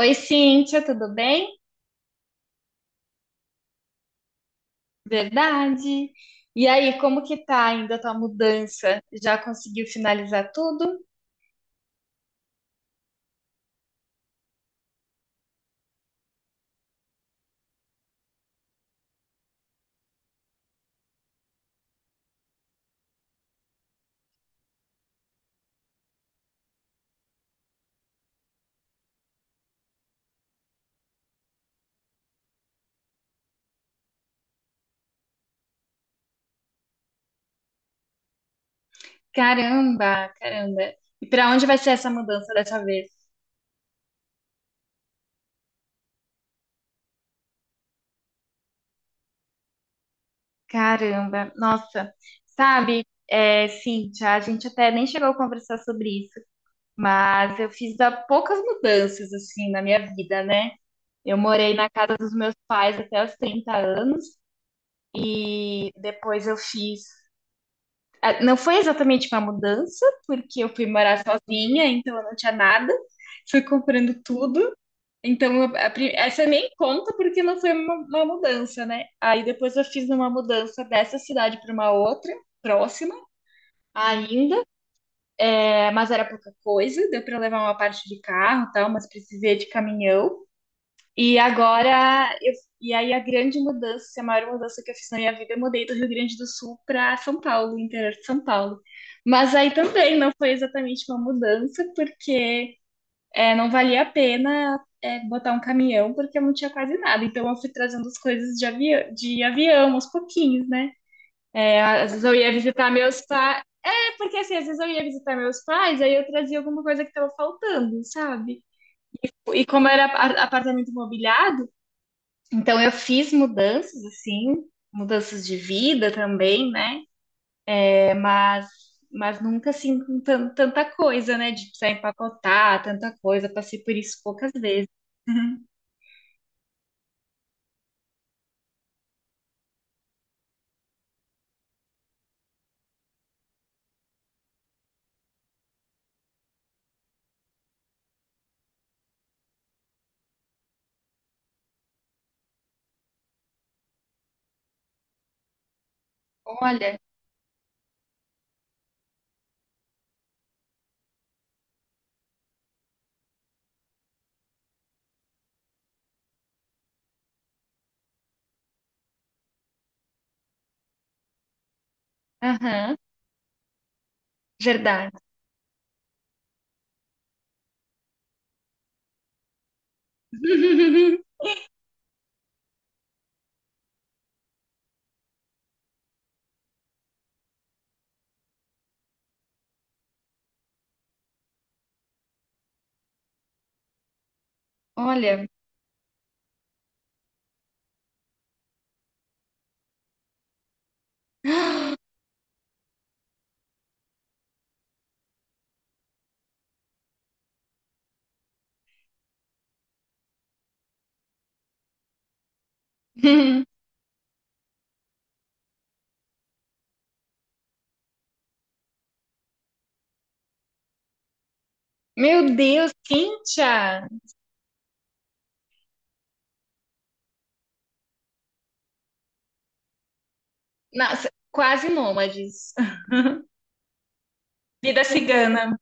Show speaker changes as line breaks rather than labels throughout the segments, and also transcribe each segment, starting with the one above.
Oi, Cíntia, tudo bem? Verdade. E aí, como que tá ainda a tua mudança? Já conseguiu finalizar tudo? Caramba, caramba. E para onde vai ser essa mudança dessa vez? Caramba, nossa. Sabe, Cíntia, a gente até nem chegou a conversar sobre isso, mas eu fiz há poucas mudanças, assim, na minha vida, né? Eu morei na casa dos meus pais até os 30 anos. E depois eu fiz... Ah, não foi exatamente uma mudança, porque eu fui morar sozinha, então eu não tinha nada. Fui comprando tudo. Então, essa nem conta porque não foi uma mudança, né? Aí depois eu fiz uma mudança dessa cidade para uma outra, próxima ainda, mas era pouca coisa. Deu para levar uma parte de carro, e tal, mas precisei de caminhão. E agora, e aí a grande mudança, a maior mudança que eu fiz na minha vida, eu mudei do Rio Grande do Sul para São Paulo, interior de São Paulo. Mas aí também não foi exatamente uma mudança, porque não valia a pena botar um caminhão, porque eu não tinha quase nada. Então eu fui trazendo as coisas de avião, aos pouquinhos, né? É, às vezes eu ia visitar meus pais. É porque assim, às vezes eu ia visitar meus pais, aí eu trazia alguma coisa que estava faltando, sabe? E como era apartamento mobiliado, então eu fiz mudanças assim, mudanças de vida também, né? É, mas nunca assim com tanta coisa, né? De precisar empacotar tanta coisa. Passei por isso poucas vezes. Olha, aham, verdade. Olha, meu Deus, Cíntia! Nossa, quase nômades. Vida cigana.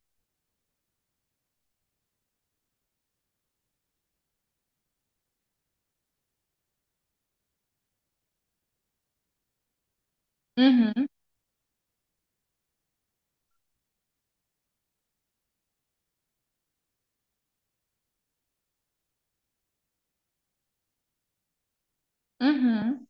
Uhum, uhum.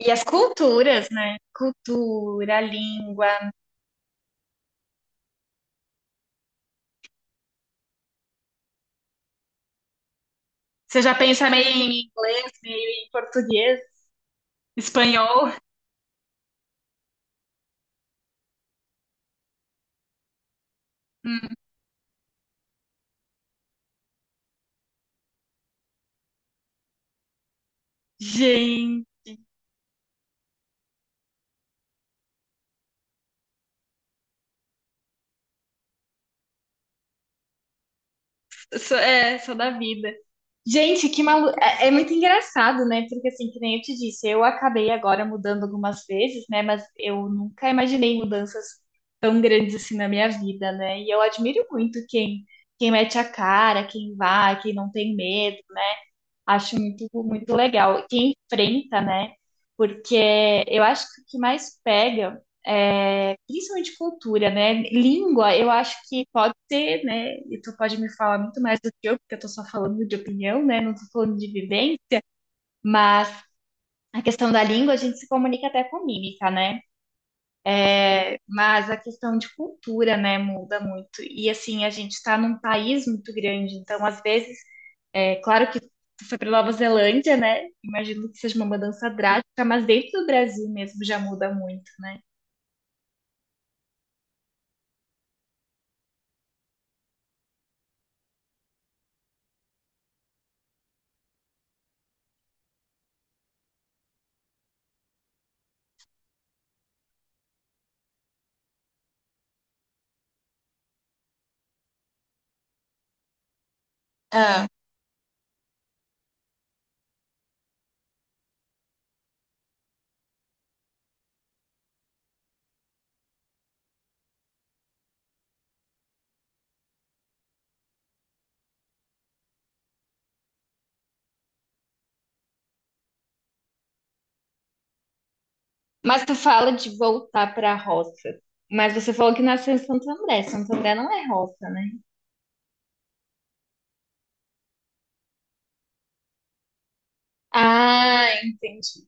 E as culturas, né? Cultura, língua. Você já pensa meio em inglês, meio em português, espanhol? Hum. Gente, sou, é, sou da vida. Gente, que malu... É, é muito engraçado, né? Porque assim, que nem eu te disse, eu acabei agora mudando algumas vezes, né? Mas eu nunca imaginei mudanças tão grandes assim na minha vida, né? E eu admiro muito quem, quem mete a cara, quem vai, quem não tem medo. Acho muito, muito legal. Quem enfrenta, né? Porque eu acho que o que mais pega é principalmente cultura, né? Língua, eu acho que pode ser, né? E tu pode me falar muito mais do que eu, porque eu tô só falando de opinião, né? Não tô falando de vivência, mas a questão da língua a gente se comunica até com mímica, né? Mas a questão de cultura, né, muda muito. E assim, a gente está num país muito grande, então às vezes é claro que tu foi para Nova Zelândia, né? Imagino que seja uma mudança drástica, mas dentro do Brasil mesmo já muda muito. Ah, mas tu fala de voltar para a roça. Mas você falou que nasceu em Santo André. Santo André não é roça, né? Ah, entendi,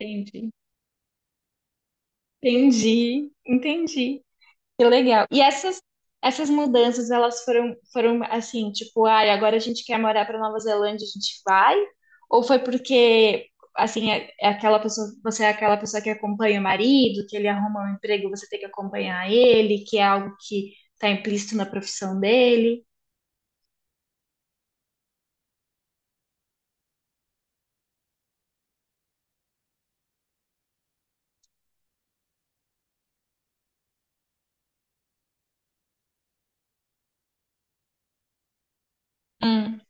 entendi, entendi, entendi. Que legal. E essas mudanças, elas foram assim, tipo, ai, agora a gente quer morar para Nova Zelândia, a gente vai? Ou foi porque, assim, é aquela pessoa, você é aquela pessoa que acompanha o marido, que ele arruma um emprego, você tem que acompanhar ele, que é algo que está implícito na profissão dele? Hum,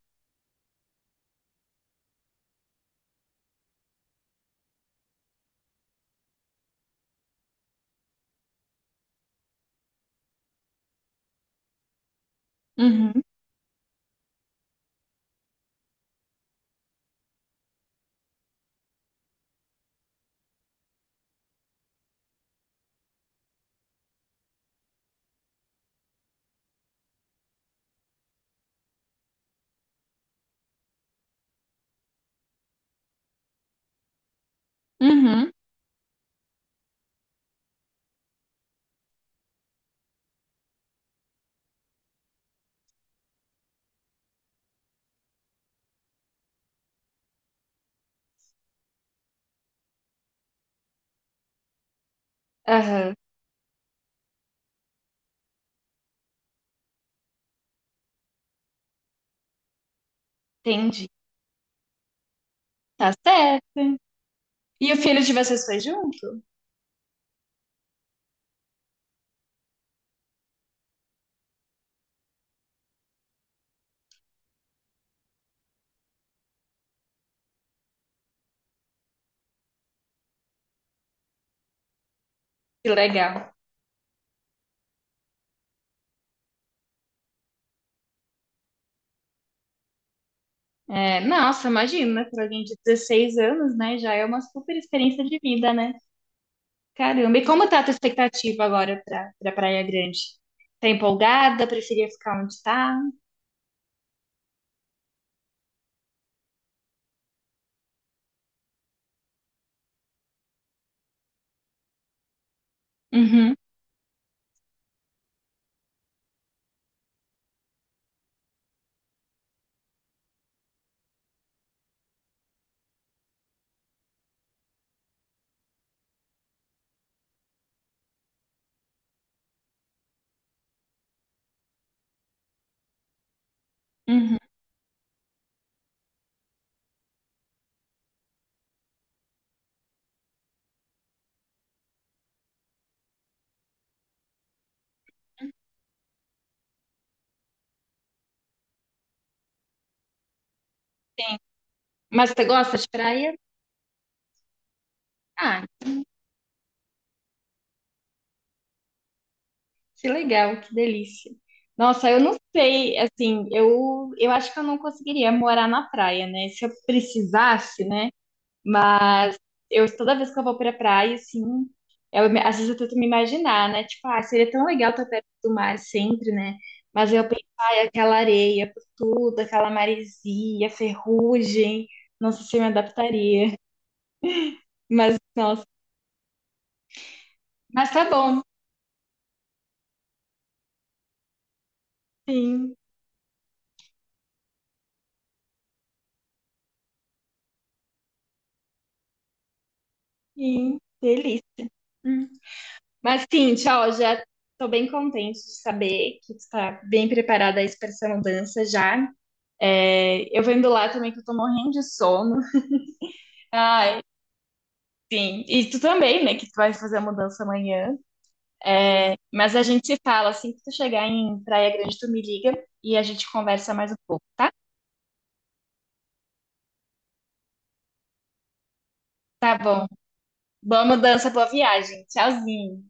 uhum, uhum, aham, entendi. Tá certo. E o filho de vocês foi junto? Que legal. É, nossa, imagina, para alguém de 16 anos, né? Já é uma super experiência de vida, né? Caramba, e como tá a tua expectativa agora para pra Praia Grande? Tá empolgada? Preferia ficar onde tá? Uhum, uhum. Mas você gosta de praia? Ah, que legal, que delícia. Nossa, eu não sei, assim, eu acho que eu não conseguiria morar na praia, né? Se eu precisasse, né? Eu toda vez que eu vou pra praia, assim, às vezes eu tento me imaginar, né? Tipo, ah, seria tão legal estar perto do mar sempre, né? Mas eu penso, ai, aquela areia por tudo, aquela maresia, ferrugem, não sei se eu me adaptaria. Mas, nossa, mas tá bom, sim, sim, delícia. Hum. Mas, sim, tchau, já tô bem contente de saber que tu tá bem preparada aí pra essa mudança já. É, eu vendo lá também que eu tô morrendo de sono. Ah, sim, e tu também, né, que tu vai fazer a mudança amanhã. Mas a gente se fala, assim que tu chegar em Praia Grande, tu me liga e a gente conversa mais um pouco, tá? Tá bom. Boa mudança, boa viagem. Tchauzinho.